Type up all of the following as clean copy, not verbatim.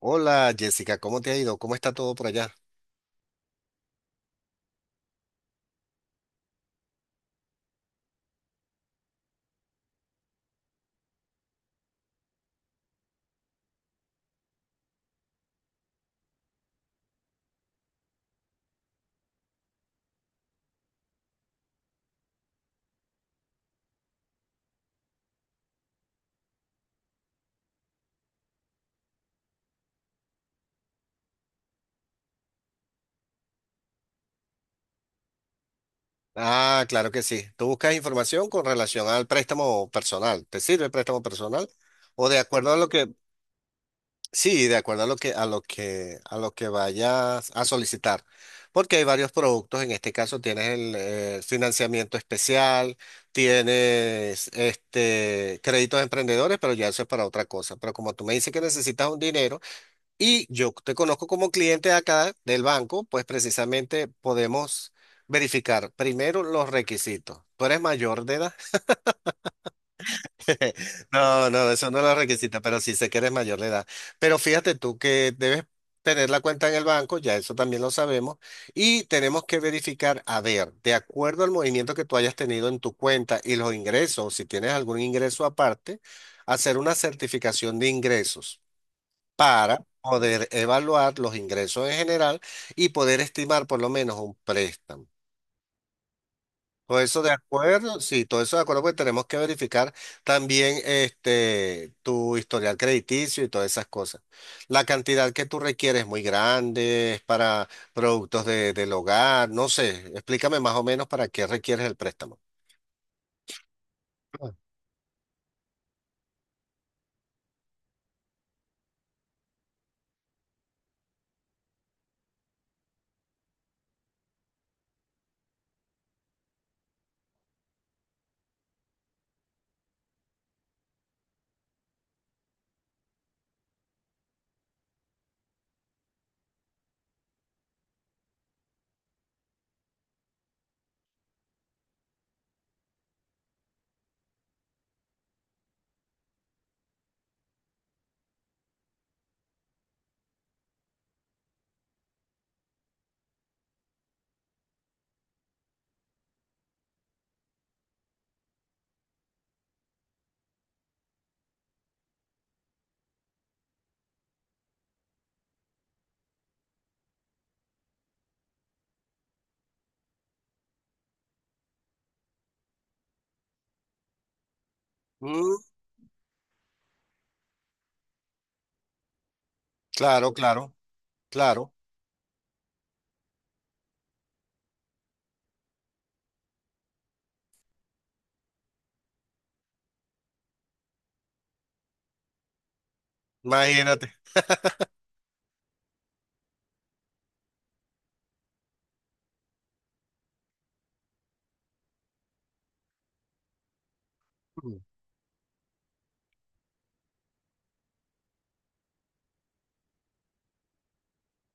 Hola Jessica, ¿cómo te ha ido? ¿Cómo está todo por allá? Ah, claro que sí. Tú buscas información con relación al préstamo personal. ¿Te sirve el préstamo personal? O de acuerdo a lo que, Sí, de acuerdo a lo que vayas a solicitar. Porque hay varios productos. En este caso tienes el financiamiento especial, tienes créditos emprendedores, pero ya eso es para otra cosa. Pero como tú me dices que necesitas un dinero, y yo te conozco como cliente acá del banco, pues precisamente podemos verificar primero los requisitos. ¿Tú eres mayor de edad? No, no, eso no es los requisitos, pero sí sé que eres mayor de edad. Pero fíjate tú que debes tener la cuenta en el banco, ya eso también lo sabemos, y tenemos que verificar, a ver, de acuerdo al movimiento que tú hayas tenido en tu cuenta y los ingresos, si tienes algún ingreso aparte, hacer una certificación de ingresos para poder evaluar los ingresos en general y poder estimar por lo menos un préstamo. Todo eso de acuerdo, sí, todo eso de acuerdo, porque tenemos que verificar también tu historial crediticio y todas esas cosas. La cantidad que tú requieres es muy grande, es para productos del hogar, no sé, explícame más o menos para qué requieres el préstamo. Ah. Mm, claro, claro, claro, imagínate.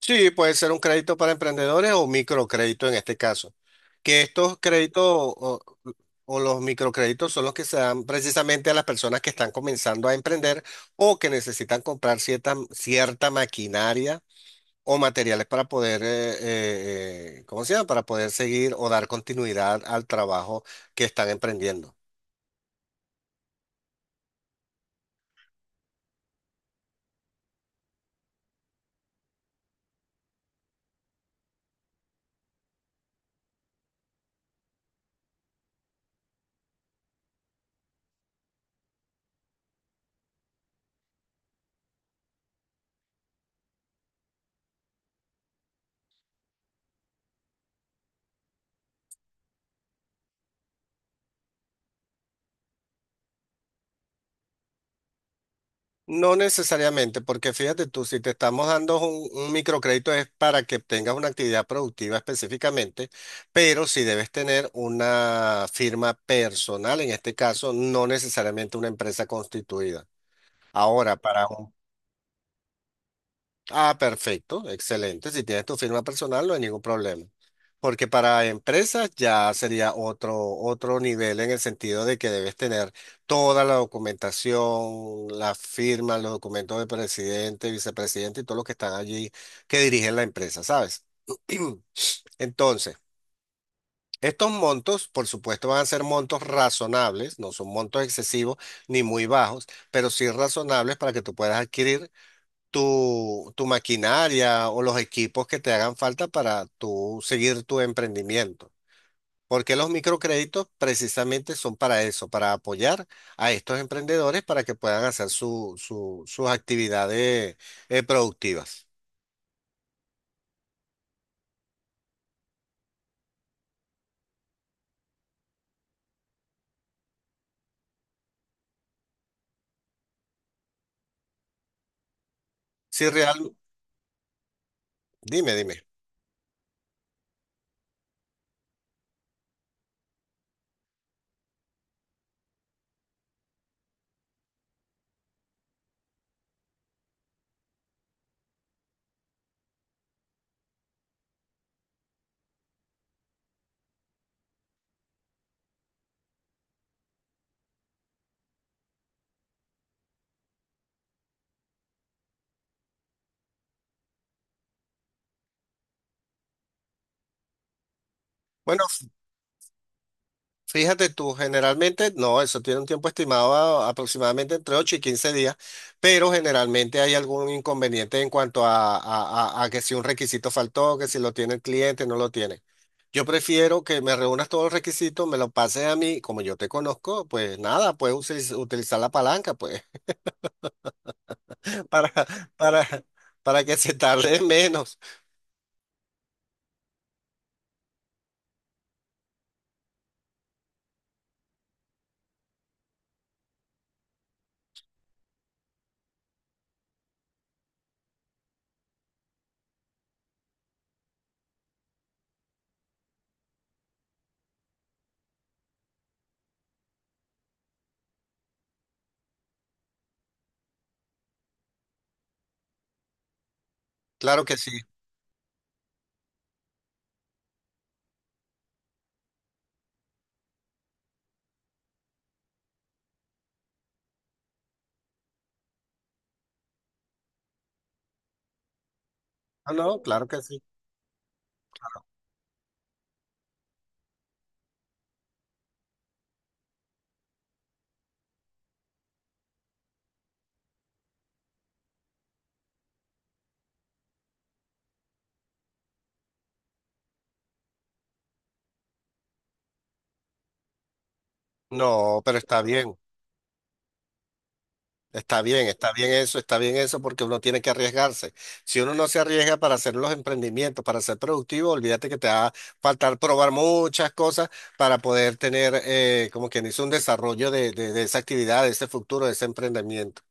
Sí, puede ser un crédito para emprendedores o microcrédito en este caso. Que estos créditos o los microcréditos son los que se dan precisamente a las personas que están comenzando a emprender o que necesitan comprar cierta maquinaria o materiales para poder, ¿cómo se llama? Para poder seguir o dar continuidad al trabajo que están emprendiendo. No necesariamente, porque fíjate tú, si te estamos dando un microcrédito es para que tengas una actividad productiva específicamente, pero si debes tener una firma personal, en este caso, no necesariamente una empresa constituida. Ahora. Para un Ah, perfecto, excelente. Si tienes tu firma personal, no hay ningún problema. Porque para empresas ya sería otro nivel en el sentido de que debes tener toda la documentación, la firma, los documentos de presidente, vicepresidente y todos los que están allí que dirigen la empresa, ¿sabes? Entonces, estos montos, por supuesto, van a ser montos razonables, no son montos excesivos ni muy bajos, pero sí razonables para que tú puedas adquirir tu maquinaria o los equipos que te hagan falta para tú seguir tu emprendimiento. Porque los microcréditos precisamente son para eso, para apoyar a estos emprendedores para que puedan hacer sus actividades productivas. Si real, dime, dime. Bueno, fíjate tú, generalmente, no, eso tiene un tiempo estimado aproximadamente entre 8 y 15 días, pero generalmente hay algún inconveniente en cuanto a que si un requisito faltó, que si lo tiene el cliente, no lo tiene. Yo prefiero que me reúnas todos los requisitos, me lo pases a mí, como yo te conozco, pues nada, puedes utilizar la palanca, pues, para, para, para que se tarde menos. Claro que sí. No, no, claro que sí. No, pero está bien. Está bien, está bien eso, porque uno tiene que arriesgarse. Si uno no se arriesga para hacer los emprendimientos, para ser productivo, olvídate que te va a faltar probar muchas cosas para poder tener, como quien dice, un desarrollo de esa actividad, de ese futuro, de ese emprendimiento.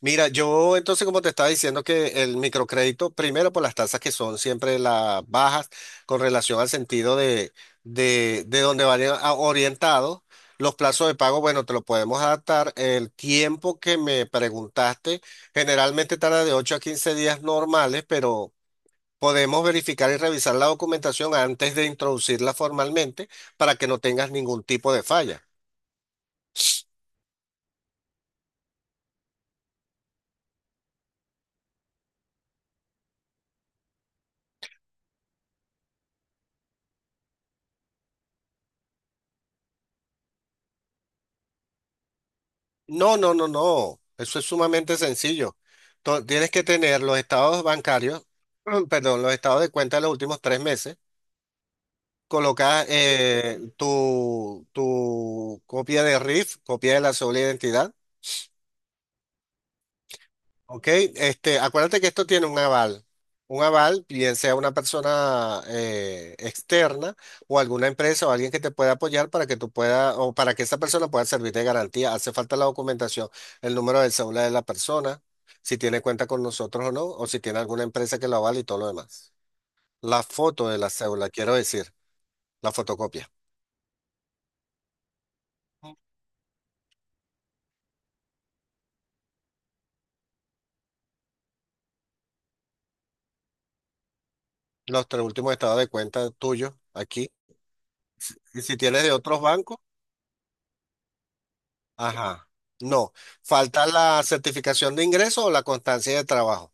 Mira, yo entonces como te estaba diciendo que el microcrédito, primero por las tasas que son siempre las bajas con relación al sentido de donde orientados, los plazos de pago, bueno, te lo podemos adaptar. El tiempo que me preguntaste generalmente tarda de 8 a 15 días normales, pero podemos verificar y revisar la documentación antes de introducirla formalmente para que no tengas ningún tipo de falla. No, no, no, no. Eso es sumamente sencillo. Tienes que tener los estados bancarios, perdón, los estados de cuenta de los últimos 3 meses. Colocas tu copia de RIF, copia de la sola identidad. Ok, acuérdate que esto tiene un aval. Un aval, bien sea una persona externa o alguna empresa o alguien que te pueda apoyar para que tú puedas o para que esa persona pueda servir de garantía. Hace falta la documentación, el número del cédula de la persona, si tiene cuenta con nosotros o no, o si tiene alguna empresa que lo avale y todo lo demás. La foto de la cédula, quiero decir, la fotocopia. Los tres últimos estados de cuenta tuyos aquí. Y si tienes de otros bancos. Ajá. No, falta la certificación de ingreso o la constancia de trabajo.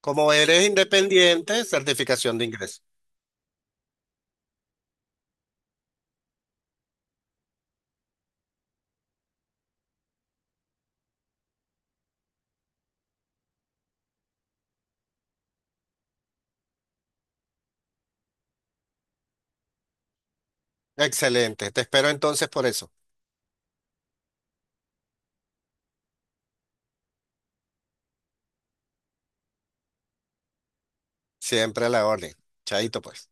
Como eres independiente, certificación de ingreso. Excelente. Te espero entonces por eso. Siempre a la orden. Chaito, pues.